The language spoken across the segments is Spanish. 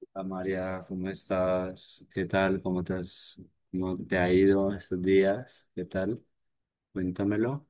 Hola María, ¿cómo estás? ¿Qué tal? ¿Cómo te ha ido estos días? ¿Qué tal? Cuéntamelo.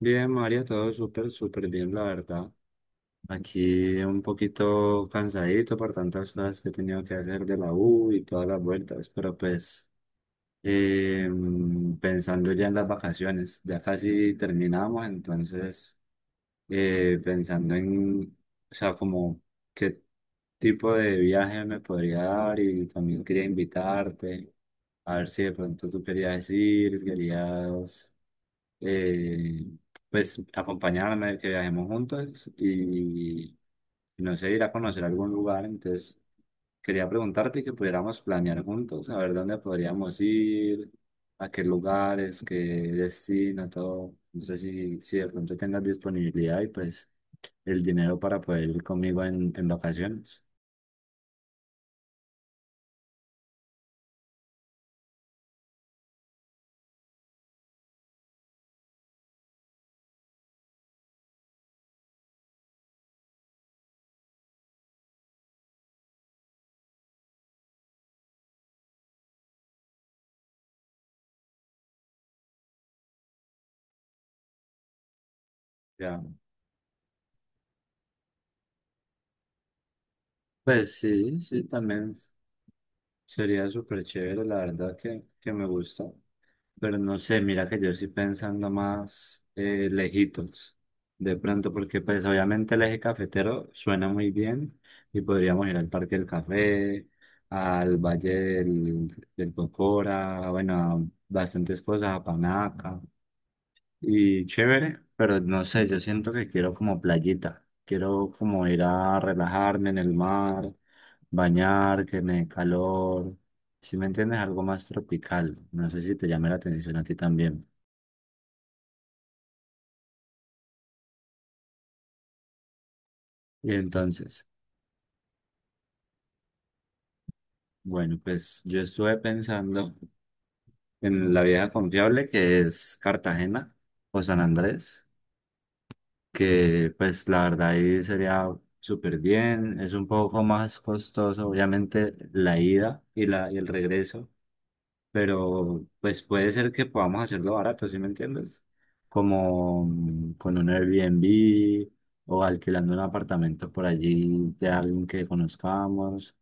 Bien, María, todo súper, súper bien, la verdad. Aquí un poquito cansadito por tantas cosas que he tenido que hacer de la U y todas las vueltas, pero pues eh, pensando ya en las vacaciones, ya casi terminamos, entonces... pensando en, o sea, como qué tipo de viaje me podría dar, y también quería invitarte, a ver si de pronto tú querías ir, querías, eh, acompañarme, que viajemos juntos y, no sé, ir a conocer algún lugar. Entonces, quería preguntarte que pudiéramos planear juntos, a ver dónde podríamos ir, a qué lugares, qué destino, todo. No sé si de pronto tengas disponibilidad y pues el dinero para poder ir conmigo en vacaciones. Ya. Pues sí, sí, también sería súper chévere, la verdad que me gusta. Pero no sé, mira que yo estoy pensando más lejitos, de pronto, porque pues obviamente el eje cafetero suena muy bien y podríamos ir al Parque del Café, al Valle del, del Cocora, bueno, a bastantes cosas, a Panaca. Y chévere, pero no sé, yo siento que quiero como playita, quiero como ir a relajarme en el mar, bañar, que me dé calor, si me entiendes, algo más tropical, no sé si te llame la atención a ti también. Y entonces, bueno, pues yo estuve pensando en la vieja confiable que es Cartagena o San Andrés, que pues la verdad ahí sería súper bien, es un poco más costoso, obviamente la ida y el regreso, pero pues puede ser que podamos hacerlo barato, ¿sí me entiendes? Como con un Airbnb o alquilando un apartamento por allí de alguien que conozcamos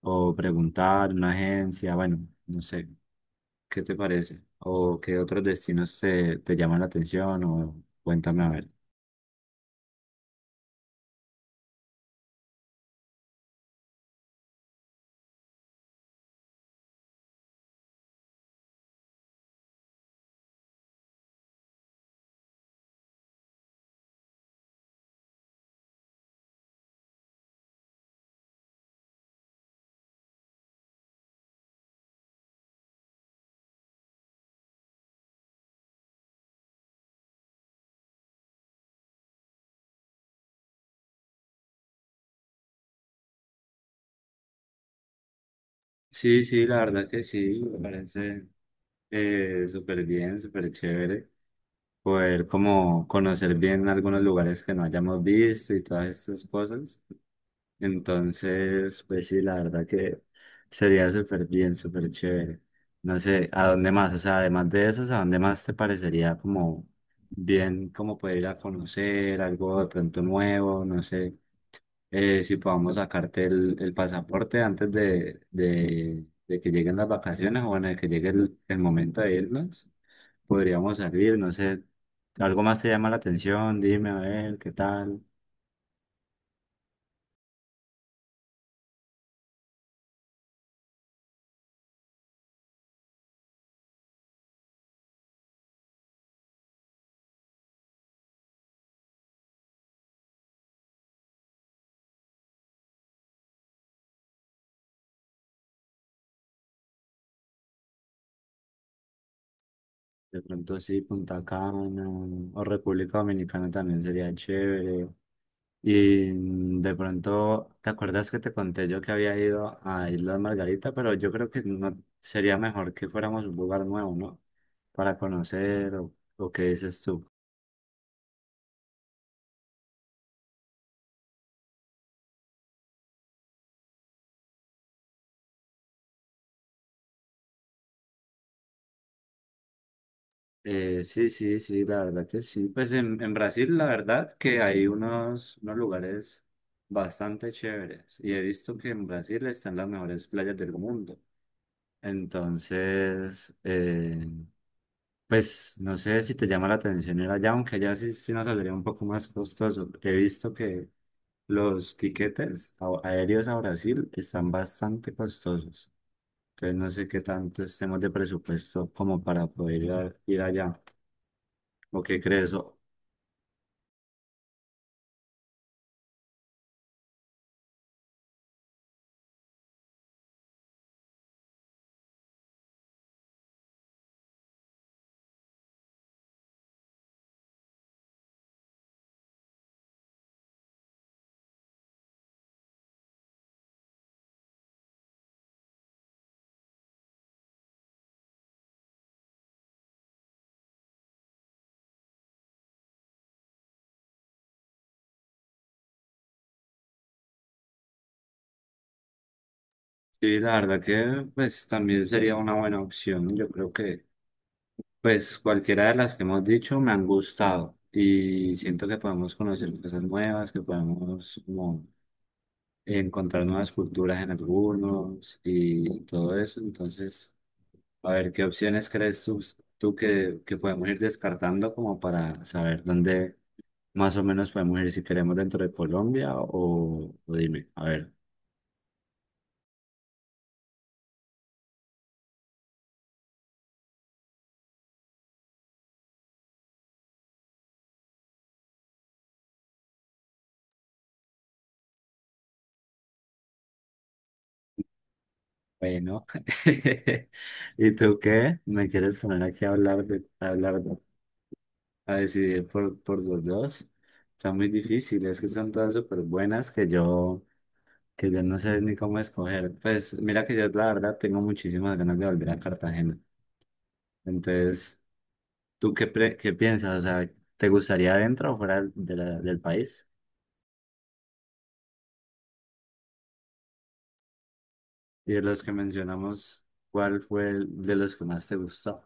o preguntar en una agencia, bueno, no sé, ¿qué te parece? ¿O qué otros destinos te llaman la atención? O cuéntame a ver. Sí, sí, la verdad que sí, me parece súper bien, súper chévere. Poder como conocer bien algunos lugares que no hayamos visto y todas estas cosas. Entonces, pues sí, la verdad que sería súper bien, súper chévere. No sé, ¿a dónde más? O sea, además de eso, ¿a dónde más te parecería como bien, como poder ir a conocer algo de pronto nuevo? No sé, si podamos sacarte el pasaporte antes de que lleguen las vacaciones, o bueno, de que llegue el momento de irnos, podríamos salir, no sé, algo más te llama la atención, dime a ver qué tal. De pronto sí, Punta Cana o República Dominicana también sería chévere. Y de pronto, ¿te acuerdas que te conté yo que había ido a Islas Margarita? Pero yo creo que no sería mejor que fuéramos a un lugar nuevo, ¿no? Para conocer, o qué dices tú. Sí, sí, sí, la verdad que sí. Pues en Brasil, la verdad que hay unos lugares bastante chéveres. Y he visto que en Brasil están las mejores playas del mundo. Entonces, pues no sé si te llama la atención ir allá, aunque allá sí, sí nos saldría un poco más costoso. He visto que los tiquetes aéreos a Brasil están bastante costosos. Entonces no sé qué tanto estemos de presupuesto como para poder ir, ir allá. ¿O qué crees? Sí, la verdad que pues también sería una buena opción. Yo creo que pues cualquiera de las que hemos dicho me han gustado y siento que podemos conocer cosas nuevas, que podemos como encontrar nuevas culturas en algunos y todo eso. Entonces, a ver, ¿qué opciones crees tú, que podemos ir descartando como para saber dónde más o menos podemos ir si queremos dentro de Colombia, o dime, a ver. Bueno, ¿y tú qué? ¿Me quieres poner aquí a a hablar, a decidir por los dos? Son muy difíciles, que son todas súper buenas, que yo no sé ni cómo escoger. Pues mira que yo la verdad tengo muchísimas ganas de volver a Cartagena. Entonces, ¿tú qué, qué piensas? O sea, ¿te gustaría dentro o fuera de del país? Y de los que mencionamos, ¿cuál fue el de los que más te gustó?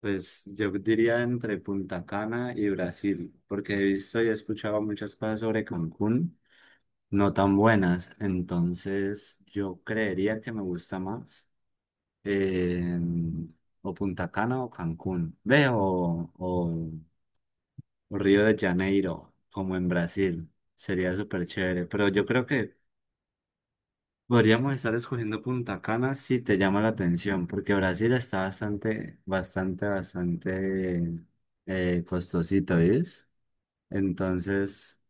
Pues yo diría entre Punta Cana y Brasil, porque he visto y he escuchado muchas cosas sobre Cancún, no tan buenas, entonces yo creería que me gusta más, eh, o Punta Cana o Cancún, ve, o- o Río de Janeiro, como en Brasil, sería súper chévere, pero yo creo que podríamos estar escogiendo Punta Cana si te llama la atención, porque Brasil está bastante, bastante, bastante costosito, ¿ves? Entonces,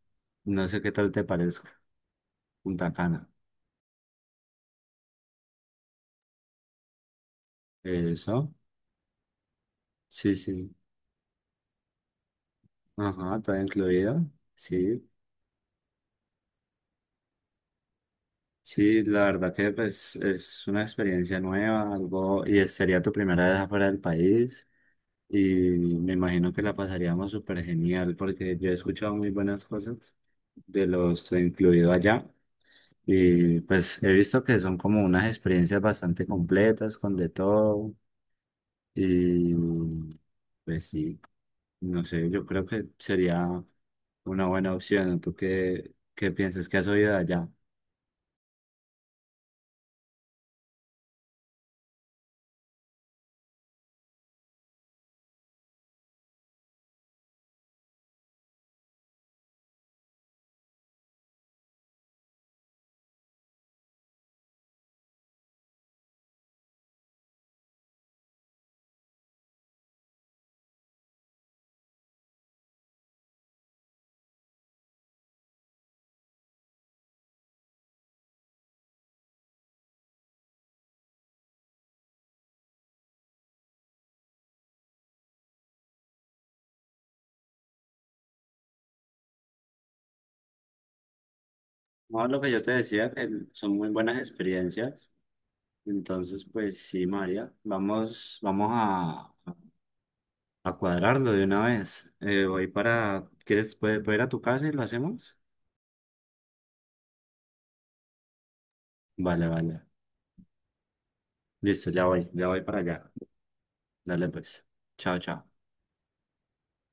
no sé qué tal te parezca Punta Cana. Eso, sí, sí. Ajá, está incluido. Sí, sí, la verdad que pues, es una experiencia nueva, algo, y sería tu primera vez afuera del país. Y me imagino que la pasaríamos súper genial porque yo he escuchado muy buenas cosas de los incluido allá. Y pues he visto que son como unas experiencias bastante completas con de todo. Y pues sí, no sé, yo creo que sería una buena opción. ¿Tú qué, qué piensas que has oído de allá? No, lo que yo te decía, que son muy buenas experiencias. Entonces, pues sí, María, vamos, vamos a... A cuadrarlo de una vez. Voy para... ¿Quieres puedo ir a tu casa y lo hacemos? Vale, vale. Listo, ya voy para allá. Dale pues. Chao, chao.